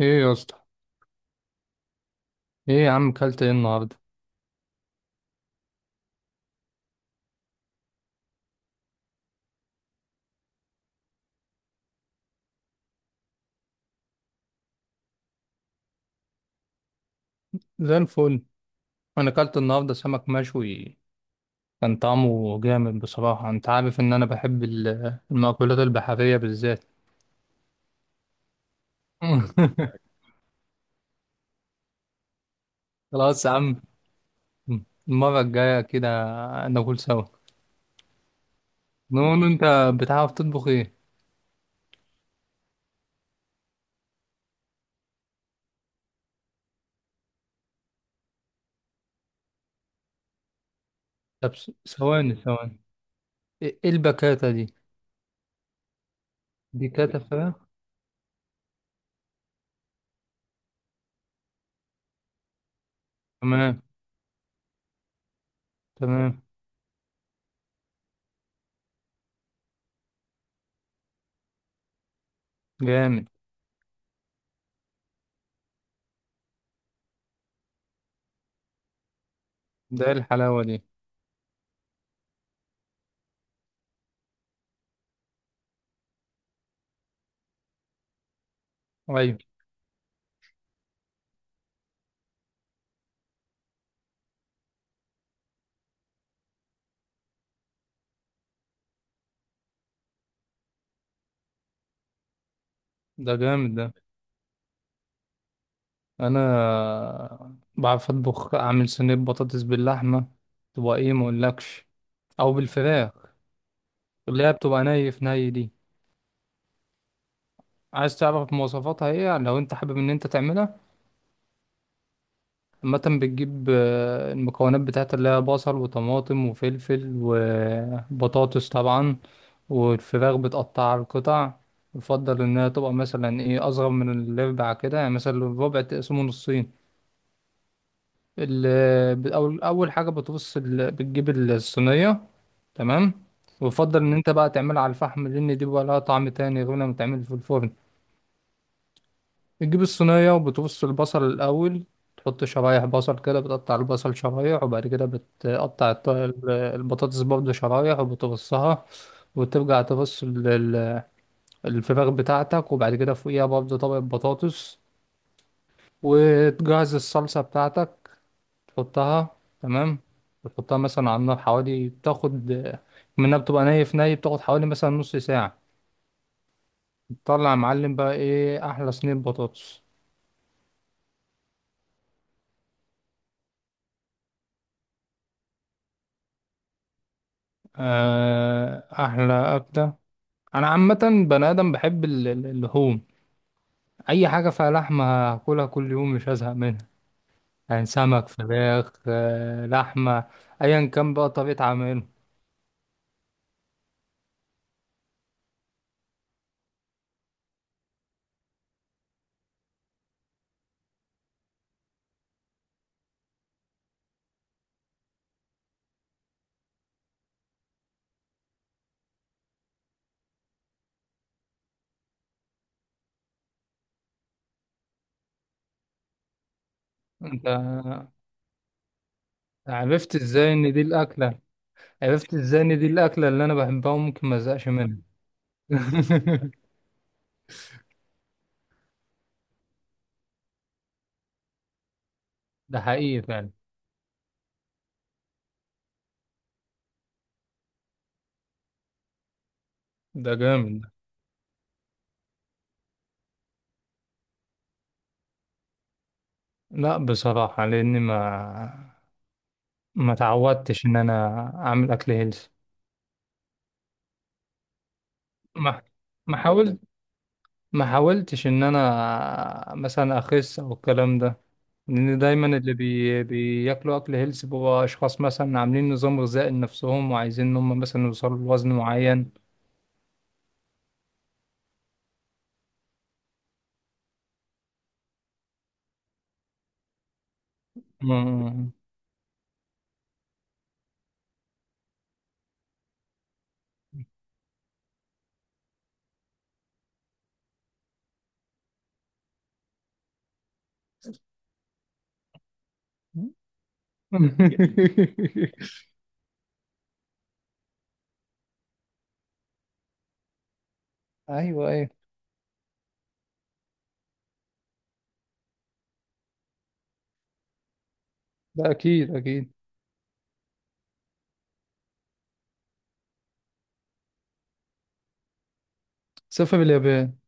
ايه يا اسطى؟ ايه يا عم كلت ايه النهارده؟ زي الفل. انا كلت النهارده سمك مشوي، كان طعمه جامد بصراحه. انت عارف ان انا بحب المأكولات البحريه بالذات. خلاص يا عم، المره الجايه كده ناكل سوا. نقول انت، بتعرف تطبخ ايه؟ طب ثواني ثواني، إيه البكاته دي؟ دي كاته فراخ. تمام. تمام. جامد. ده إيه الحلاوه دي؟ ايوه. ده جامد ده. انا بعرف اطبخ، اعمل صينيه بطاطس باللحمه، تبقى ايه ما اقولكش. او بالفراخ، اللي هي بتبقى ني في ني دي. عايز تعرف مواصفاتها ايه لو انت حابب ان انت تعملها؟ عامه بتجيب المكونات بتاعتها، اللي هي بصل وطماطم وفلفل وبطاطس طبعا، والفراخ بتقطعها لقطع. يفضل انها تبقى مثلا ايه، اصغر من الربع كده، يعني مثلا الربع تقسمه نصين. أول أول حاجة بتبص بتجيب الصينية. تمام. ويفضل إن أنت بقى تعملها على الفحم، لأن دي بقى لها طعم تاني غير لما تعمل في الفرن. بتجيب الصينية وبتبص البصل الأول، تحط شرايح بصل كده، بتقطع البصل شرايح، وبعد كده بتقطع البطاطس برضه شرايح وبتبصها. وترجع تبص الفراخ بتاعتك، وبعد كده فوقيها برضه طبق بطاطس، وتجهز الصلصة بتاعتك، تحطها. تمام. بتحطها مثلا على النار، حوالي بتاخد منها، بتبقى ني في ني، بتاخد حوالي مثلا نص ساعة. تطلع يا معلم بقى ايه، أحلى صينية بطاطس. أحلى أكلة، أنا عامة بني آدم بحب اللحوم. أي حاجة فيها لحمة هاكلها كل يوم مش هزهق منها. يعني سمك، فراخ، لحمة، أيا كان بقى طريقة عمله. أنت عرفت إزاي إن دي الأكلة؟ عرفت إزاي إن دي الأكلة اللي أنا بحبها وممكن ما أزهقش منها؟ ده حقيقي فعلا. ده جامد ده. لا بصراحة، لأني ما تعودتش إن أنا أعمل أكل هيلث. ما ما حاولت، ما حاولتش إن أنا مثلا أخس أو الكلام ده، لأن دايما بياكلوا أكل هيلث بيبقوا أشخاص مثلا عاملين نظام غذائي لنفسهم وعايزين إن هم مثلا يوصلوا لوزن معين. مم. أيوه، أيوه. ده أكيد، أكيد. سافر اليابان.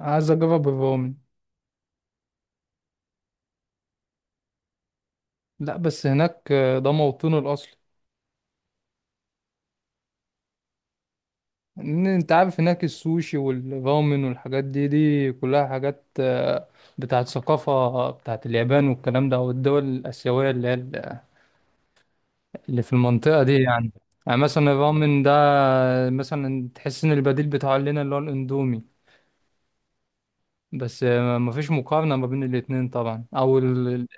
عايز أجرب الرومن. لا بس هناك ده موطنه الأصلي. إن أنت عارف هناك السوشي والرامن والحاجات دي، دي كلها حاجات بتاعت ثقافة، بتاعت اليابان والكلام ده والدول الآسيوية اللي هي اللي في المنطقة دي يعني. يعني مثلا الرامن ده، مثلا تحس إن البديل بتاعه لنا اللي هو الأندومي. بس مفيش مقارنة ما بين الاتنين طبعا، أو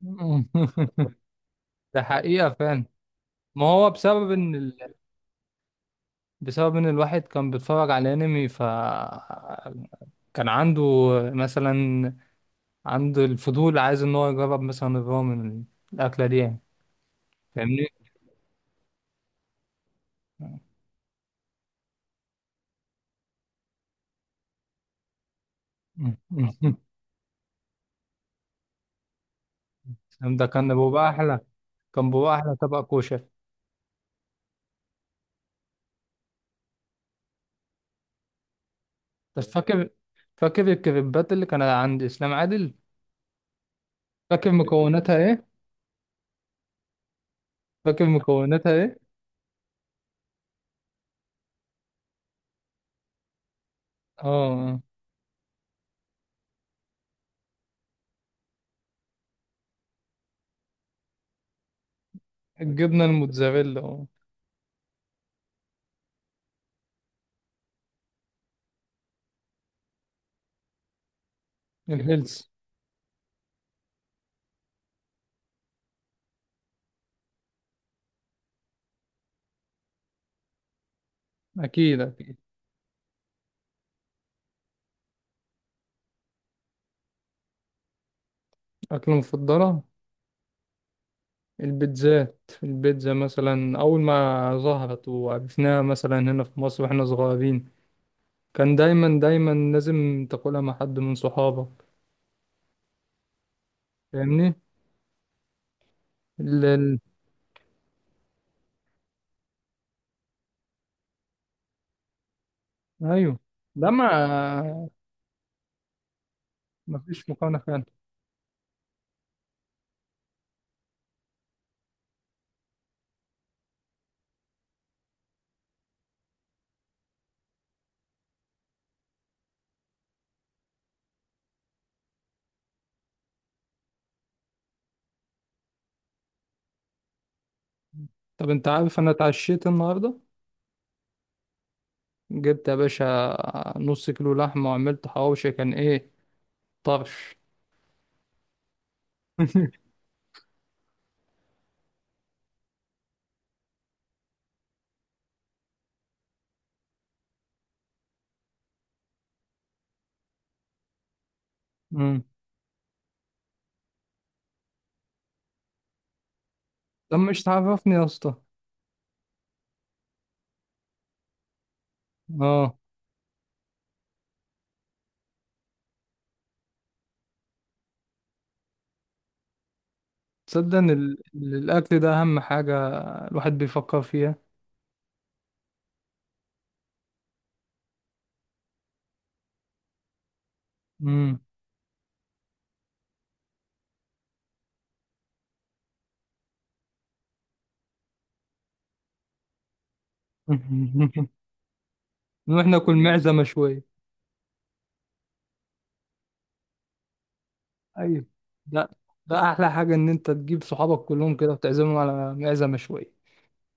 ده حقيقة فعلا. ما هو بسبب إن بسبب ان الواحد كان بيتفرج على انمي، ف كان عنده مثلا، عنده الفضول عايز ان هو يجرب مثلا الرامن، الاكله دي يعني. فاهمني. ده كان بيبقى احلى، كان بيبقى احلى طبق كوشه. بس فاكر الكريبات اللي كانت عند اسلام عادل؟ فاكر مكوناتها ايه؟ فاكر مكوناتها ايه؟ اه. آه. الجبنه الموتزاريلا، اه. الهيلث. اكيد، اكيد. اكله مفضله؟ البيتزات، البيتزا مثلا أول ما ظهرت وعرفناها مثلا هنا في مصر واحنا صغيرين، كان دايما دايما لازم تاكلها مع حد من صحابك. فاهمني. ال... ال... أيوه. ده ما مفيش مقارنة فعلا. طب أنت عارف أنا اتعشيت النهاردة؟ جبت يا باشا نص كيلو لحمة وعملت حواوشي، كان إيه، طرش. مم. طب مش تعرفني يا اسطى؟ اه. تصدق ان الاكل ده اهم حاجه الواحد بيفكر فيها. مم. نروح ناكل معزة شوية. ايوه. ده، ده أحلى حاجة إن أنت تجيب صحابك كلهم كده وتعزمهم على معزة مشوية.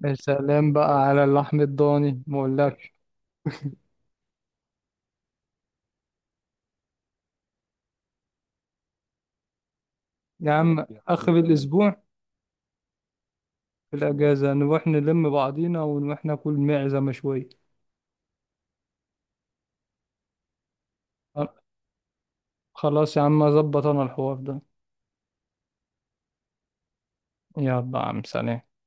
يا سلام بقى على اللحم الضاني ما أقولكش. يا عم، آخر الأسبوع في الأجازة نروح نلم بعضينا ونروح ناكل معزة مشوية. خلاص يا عم، أظبط أنا الحوار ده. يلا يا عم، سلام.